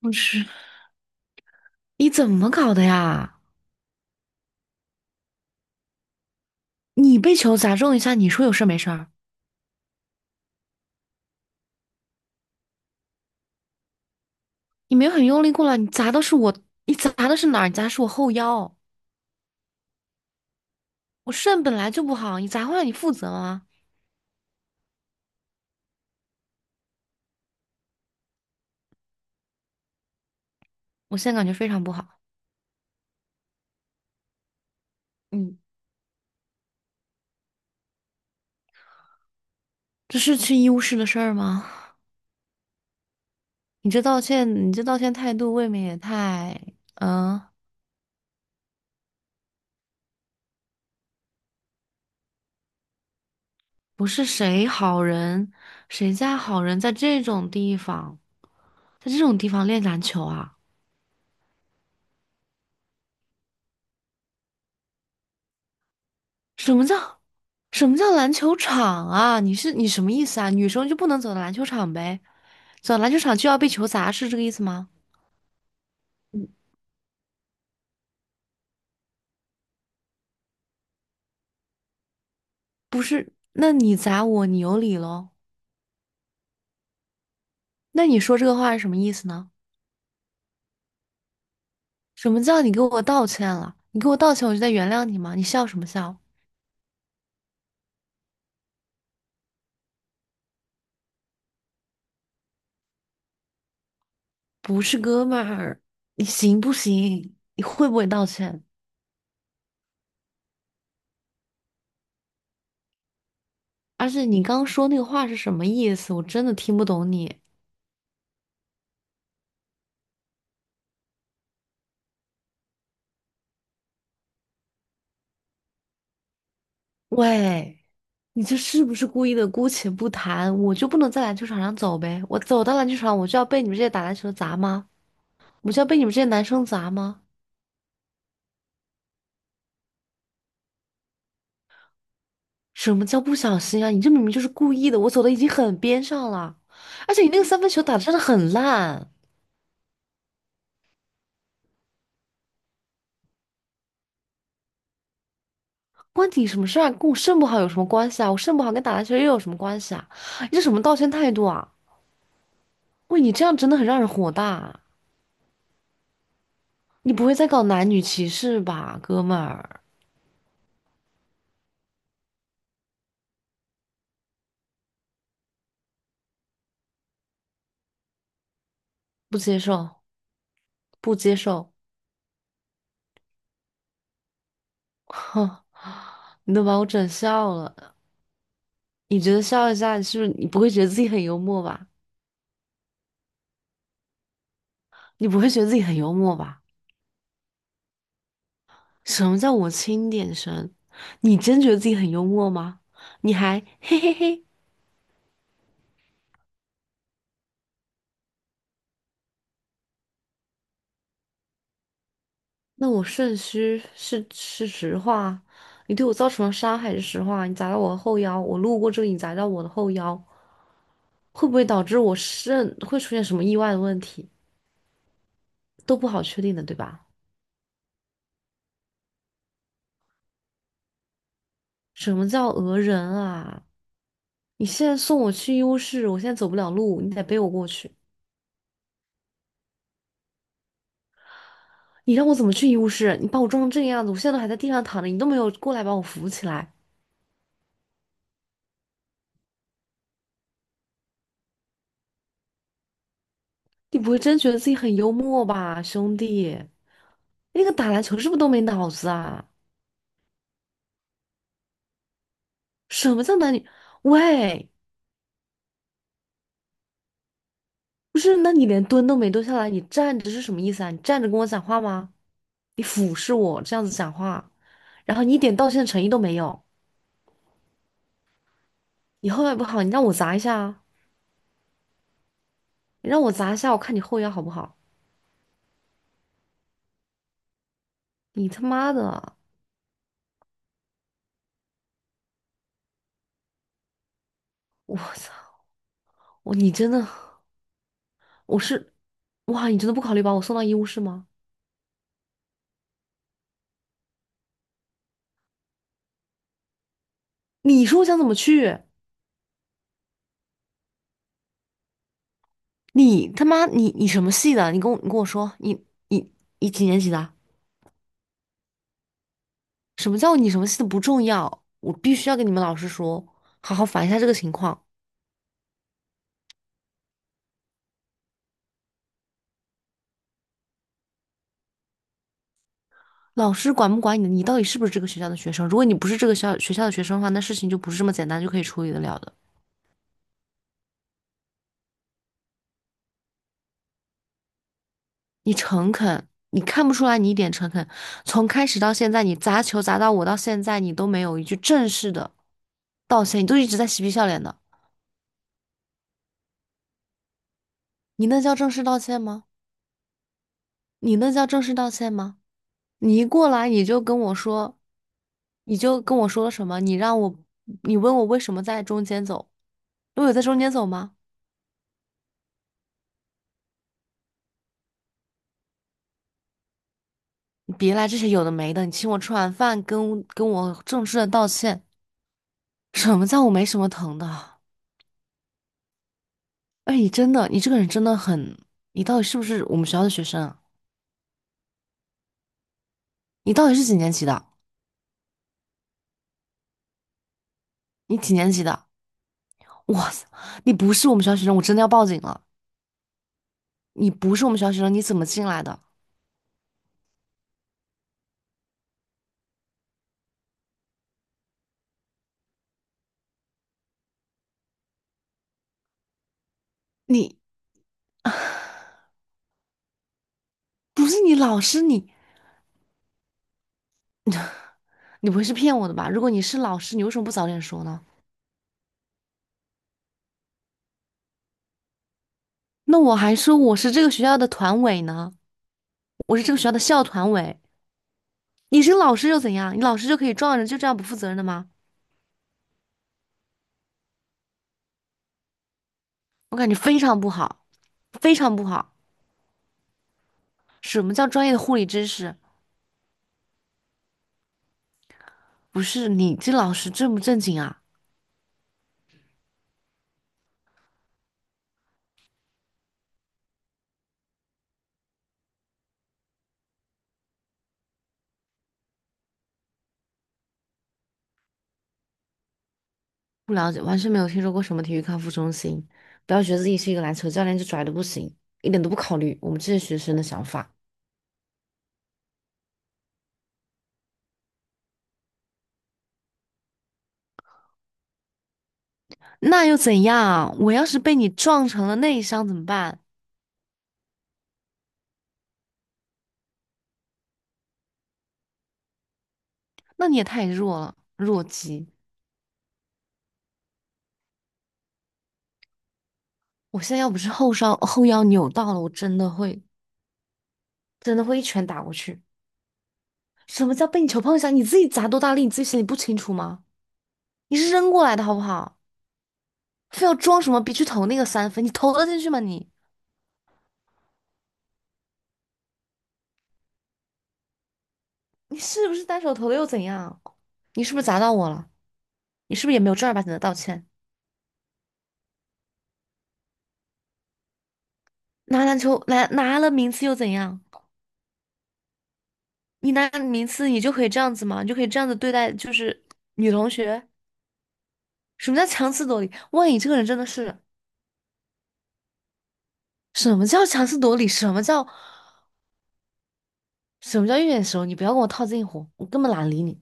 不是，你怎么搞的呀？你被球砸中一下，你说有事儿没事儿？你没有很用力过来，你砸的是我，你砸的是哪儿？你砸的是我后腰，我肾本来就不好，你砸坏了你负责吗？我现在感觉非常不好。嗯，这是去医务室的事儿吗？你这道歉，你这道歉态度未免也太……嗯、不是谁好人，谁家好人在这种地方，在这种地方练篮球啊？什么叫什么叫篮球场啊？你什么意思啊？女生就不能走到篮球场呗？走到篮球场就要被球砸，是这个意思吗？不是，那你砸我，你有理喽？那你说这个话是什么意思呢？什么叫你给我道歉了？你给我道歉，我就再原谅你吗？你笑什么笑？不是哥们儿，你行不行？你会不会道歉？而且你刚刚说那个话是什么意思？我真的听不懂你。喂，你这是不是故意的？姑且不谈，我就不能在篮球场上走呗？我走到篮球场，我就要被你们这些打篮球的砸吗？我就要被你们这些男生砸吗？什么叫不小心啊？你这明明就是故意的，我走的已经很边上了，而且你那个三分球打的真的很烂，关你什么事啊？跟我肾不好有什么关系啊？我肾不好跟打篮球又有什么关系啊？你这什么道歉态度啊？喂，你这样真的很让人火大啊，你不会在搞男女歧视吧，哥们儿？不接受，不接受。哼，你都把我整笑了。你觉得笑一下，你是不是你不会觉得自己很幽默吧？你不会觉得自己很幽默吧？什么叫我轻点声？你真觉得自己很幽默吗？你还嘿嘿嘿？那我肾虚是实话，你对我造成了伤害是实话。你砸到我的后腰，我路过这里，你砸到我的后腰，会不会导致我肾会出现什么意外的问题？都不好确定的，对吧？什么叫讹人啊？你现在送我去医务室，我现在走不了路，你得背我过去。你让我怎么去医务室？你把我撞成这个样子，我现在都还在地上躺着，你都没有过来把我扶起来。你不会真觉得自己很幽默吧，兄弟？那个打篮球是不是都没脑子啊？什么叫男女？喂，不是，那你连蹲都没蹲下来，你站着是什么意思啊？你站着跟我讲话吗？你俯视我这样子讲话，然后你一点道歉的诚意都没有，你后腰不好，你让我砸一下啊！你让我砸一下，我看你后腰好不好？你他妈的，我操！你真的，我是，哇！你真的不考虑把我送到医务室吗？你说我想怎么去？你他妈，你什么系的？你跟我说，你你几年级的？什么叫你什么系的不重要？我必须要跟你们老师说，好好反映一下这个情况。老师管不管你的你到底是不是这个学校的学生？如果你不是这个学校的学生的话，那事情就不是这么简单就可以处理的了的。你诚恳，你看不出来你一点诚恳。从开始到现在，你砸球砸到我到现在，你都没有一句正式的道歉，你都一直在嬉皮笑脸的。你那叫正式道歉吗？你那叫正式道歉吗？你一过来你就跟我说，你就跟我说了什么？你让我，你问我为什么在中间走？我有在中间走吗？你别来这些有的没的，你请我吃完饭，跟我正式的道歉，什么叫我没什么疼的啊？哎，你真的，你这个人真的很，你到底是不是我们学校的学生啊？你到底是几年级的？你几年级的？哇塞，你不是我们学校学生，我真的要报警了！你不是我们学校学生，你怎么进来的？你不是你老师，你不会是骗我的吧？如果你是老师，你为什么不早点说呢？那我还说我是这个学校的团委呢，我是这个学校的校团委。你是老师又怎样？你老师就可以撞人，就这样不负责任的吗？我感觉非常不好，非常不好。什么叫专业的护理知识？不是你这老师正不正经啊？不了解，完全没有听说过什么体育康复中心。不要觉得自己是一个篮球教练就拽的不行，一点都不考虑我们这些学生的想法。那又怎样啊？我要是被你撞成了内伤怎么办？那你也太弱了，弱鸡！我现在要不是后腰扭到了，我真的会一拳打过去。什么叫被你球碰一下？你自己砸多大力，你自己心里不清楚吗？你是扔过来的好不好？非要装什么别去投那个三分，你投得进去吗你？你是不是单手投的又怎样？你是不是砸到我了？你是不是也没有正儿八经的道歉？拿篮球拿拿了名次又怎样？你拿了名次，你就可以这样子吗？你就可以这样子对待就是女同学？什么叫强词夺理？万一这个人真的是什么叫强词夺理？什么叫一眼熟？你不要跟我套近乎，我根本懒得理你。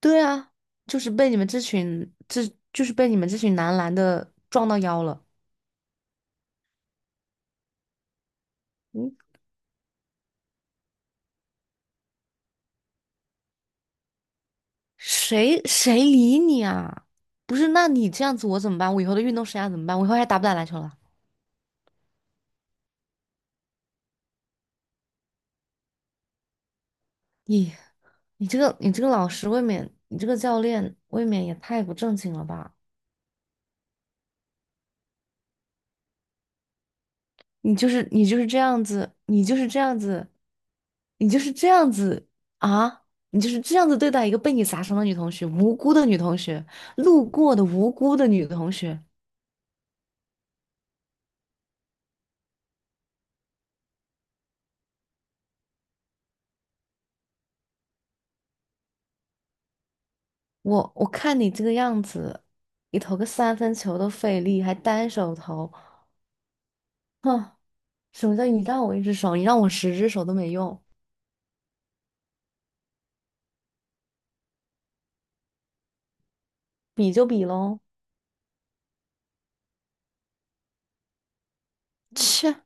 对啊，就是被你们这群这就是被你们这群男篮的撞到腰了。嗯谁理你啊？不是，那你这样子我怎么办？我以后的运动生涯怎么办？我以后还打不打篮球了？你你这个老师未免，你这个教练未免也太不正经了吧？你就是这样子，你就是这样子，你就是这样子啊！你就是这样子对待一个被你砸伤的女同学，无辜的女同学，路过的无辜的女同学。我看你这个样子，你投个三分球都费力，还单手投，哼。什么叫你让我一只手？你让我十只手都没用，比就比喽。切，